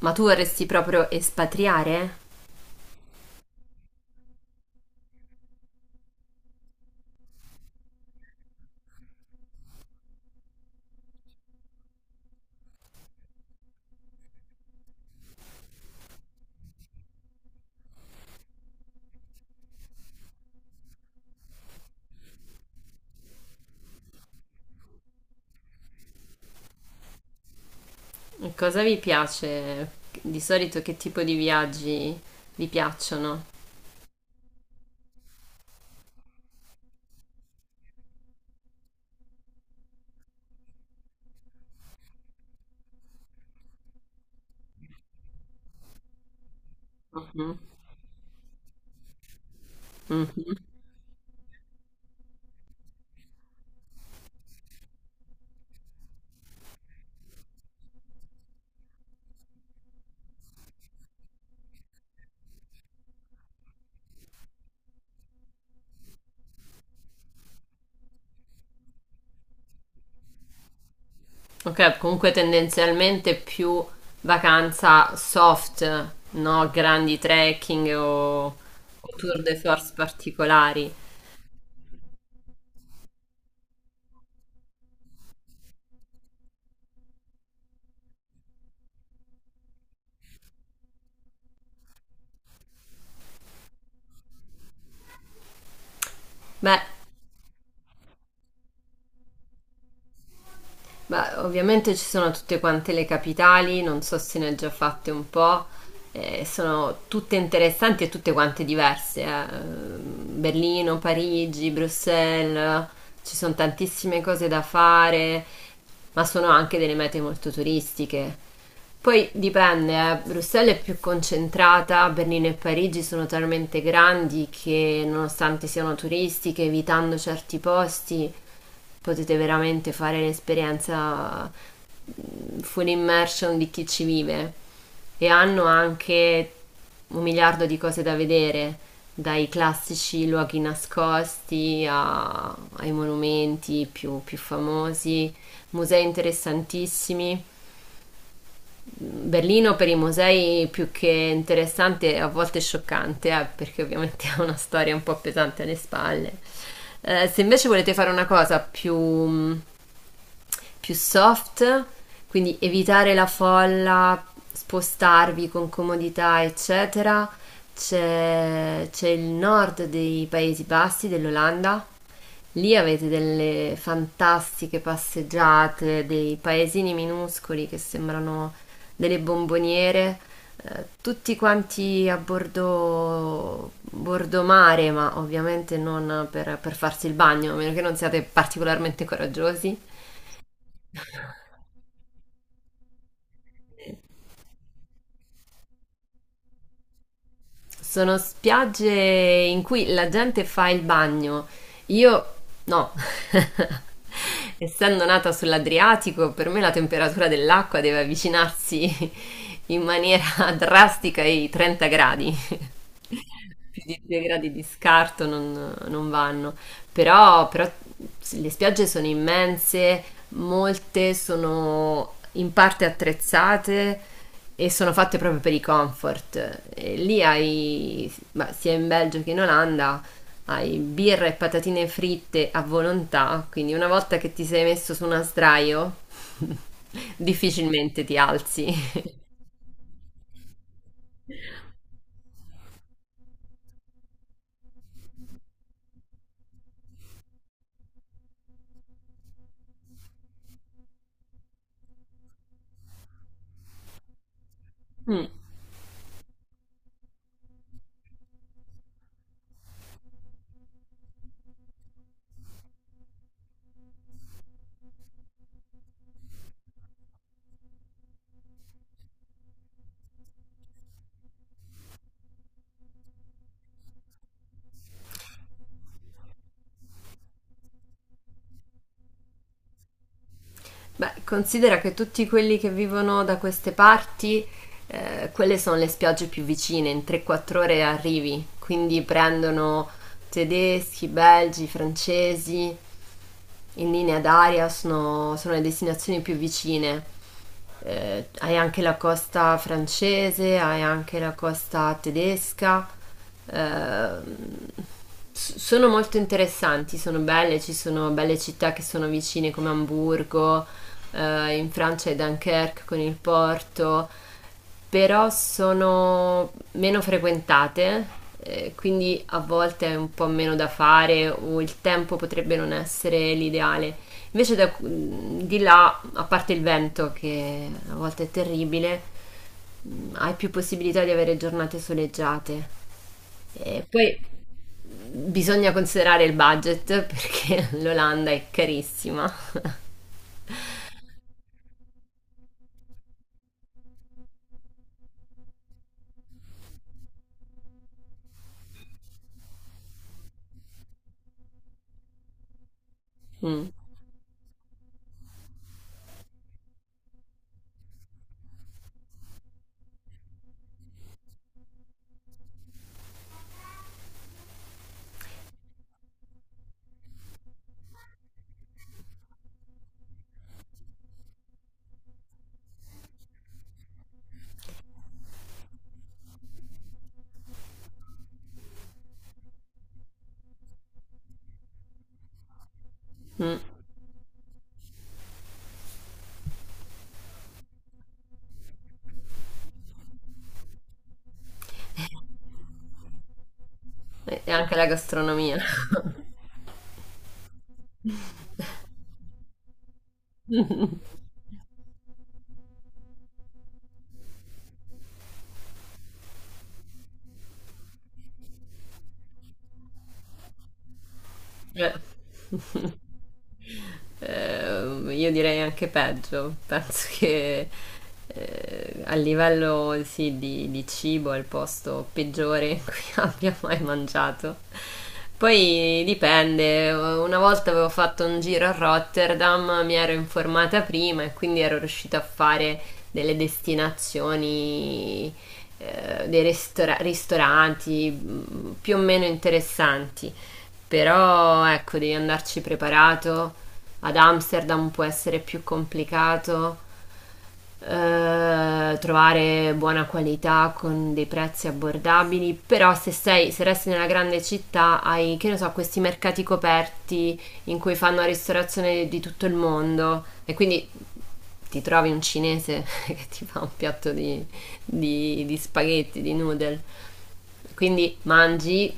Ma tu vorresti proprio espatriare? Cosa vi piace? Di solito che tipo di viaggi vi piacciono? Mhm, mhm. Ok, comunque tendenzialmente più vacanza soft, no? Grandi trekking o tour de force particolari. Beh, Beh, ovviamente ci sono tutte quante le capitali, non so se ne ho già fatte un po', sono tutte interessanti e tutte quante diverse, eh. Berlino, Parigi, Bruxelles, ci sono tantissime cose da fare, ma sono anche delle mete molto turistiche. Poi dipende, Bruxelles è più concentrata, Berlino e Parigi sono talmente grandi che, nonostante siano turistiche, evitando certi posti, potete veramente fare un'esperienza full immersion di chi ci vive. E hanno anche un miliardo di cose da vedere, dai classici luoghi nascosti ai monumenti più famosi, musei interessantissimi. Berlino per i musei più che interessante, a volte scioccante, perché ovviamente ha una storia un po' pesante alle spalle. Se invece volete fare una cosa più, più soft, quindi evitare la folla, spostarvi con comodità, eccetera, c'è il nord dei Paesi Bassi, dell'Olanda. Lì avete delle fantastiche passeggiate, dei paesini minuscoli che sembrano delle bomboniere, tutti quanti a bordo mare, ma ovviamente non per farsi il bagno, a meno che non siate particolarmente coraggiosi. Sono spiagge in cui la gente fa il bagno. Io no. Essendo nata sull'Adriatico, per me la temperatura dell'acqua deve avvicinarsi in maniera drastica ai 30 gradi. Più di 2 gradi di scarto non vanno, però le spiagge sono immense, molte sono in parte attrezzate e sono fatte proprio per i comfort. E lì hai, ma sia in Belgio che in Olanda, hai birra e patatine fritte a volontà, quindi una volta che ti sei messo su una sdraio, difficilmente ti alzi. Beh, considera che tutti quelli che vivono da queste parti, quelle sono le spiagge più vicine, in 3-4 ore arrivi, quindi prendono tedeschi, belgi, francesi, in linea d'aria sono le destinazioni più vicine. Hai anche la costa francese, hai anche la costa tedesca. ehm, Sono molto interessanti, sono belle, ci sono belle città che sono vicine, come Amburgo, in Francia è Dunkerque con il Porto, però sono meno frequentate, quindi a volte è un po' meno da fare o il tempo potrebbe non essere l'ideale. Invece di là, a parte il vento che a volte è terribile, hai più possibilità di avere giornate soleggiate. E poi bisogna considerare il budget perché l'Olanda è carissima. Mm, mm. E anche la gastronomia. Eh. Io direi anche peggio, penso che a livello sì, di, cibo è il posto peggiore in cui abbia mai mangiato. Poi dipende, una volta avevo fatto un giro a Rotterdam, mi ero informata prima e quindi ero riuscita a fare delle destinazioni, dei ristoranti più o meno interessanti. Però ecco, devi andarci preparato. Ad Amsterdam può essere più complicato, trovare buona qualità con dei prezzi abbordabili, però se sei, se resti nella grande città hai, che ne so, questi mercati coperti in cui fanno ristorazione di tutto il mondo, e quindi ti trovi un cinese che ti fa un piatto di di spaghetti, di noodle. Quindi mangi,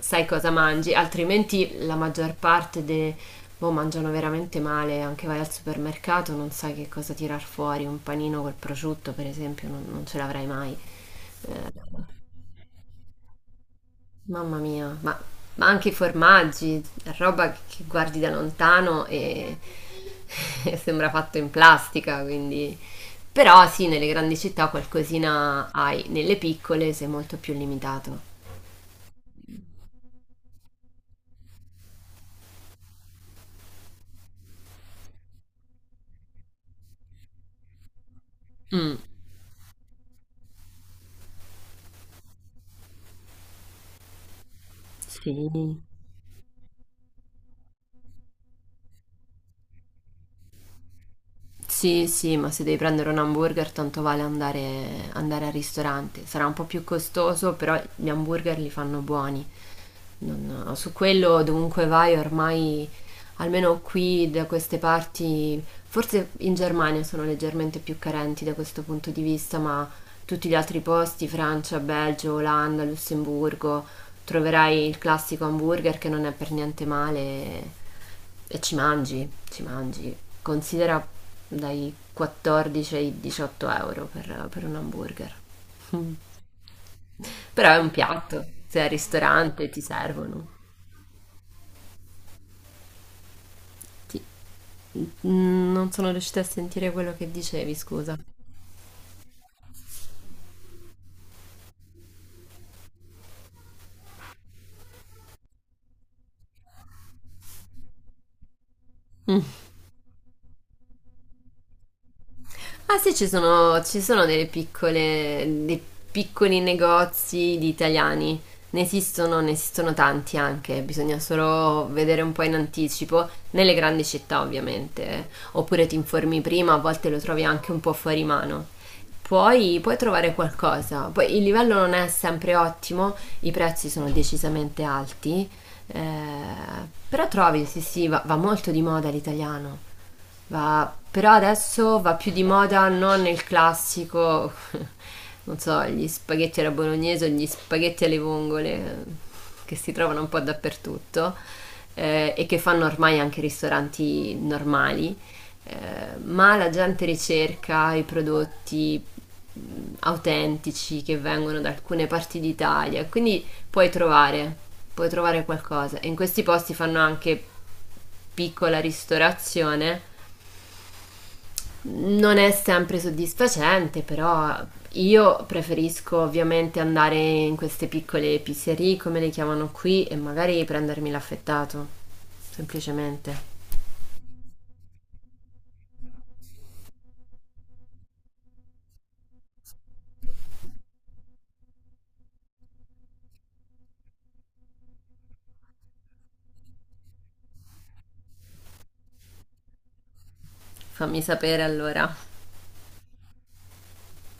sai cosa mangi, altrimenti la maggior parte boh, mangiano veramente male, anche vai al supermercato, non sai che cosa tirar fuori, un panino col prosciutto, per esempio, non ce l'avrai mai. Mamma mia, ma anche i formaggi, roba che guardi da lontano e, e sembra fatto in plastica, quindi. Però sì, nelle grandi città qualcosina hai, nelle piccole sei molto più limitato. Mm. Sì. Sì, sì, ma se devi prendere un hamburger, tanto vale andare, andare al ristorante. Sarà un po' più costoso, però gli hamburger li fanno buoni. No, su quello, dovunque vai, ormai, almeno qui da queste parti, forse in Germania sono leggermente più carenti da questo punto di vista, ma tutti gli altri posti, Francia, Belgio, Olanda, Lussemburgo, troverai il classico hamburger che non è per niente male e ci mangi, ci mangi. Considera dai 14 ai 18 euro per un hamburger. Però è un piatto, sei al ristorante, ti servono. Ti- Mm, non sono riuscita a sentire quello che dicevi, scusa. Ah sì, ci sono delle piccole, dei piccoli negozi di italiani. Ne esistono tanti anche, bisogna solo vedere un po' in anticipo, nelle grandi città ovviamente, oppure ti informi prima, a volte lo trovi anche un po' fuori mano. Poi puoi trovare qualcosa, poi il livello non è sempre ottimo, i prezzi sono decisamente alti, eh, però trovi, sì sì, va, molto di moda l'italiano. Però adesso va più di moda non il classico, non so, gli spaghetti alla bolognese o gli spaghetti alle vongole, che si trovano un po' dappertutto, e che fanno ormai anche ristoranti normali, eh, ma la gente ricerca i prodotti mh, autentici che vengono da alcune parti d'Italia, quindi puoi trovare, qualcosa. E in questi posti fanno anche piccola ristorazione, non è sempre soddisfacente, però io preferisco ovviamente andare in queste piccole pizzerie, come le chiamano qui, e magari prendermi l'affettato. Semplicemente. Fammi sapere allora.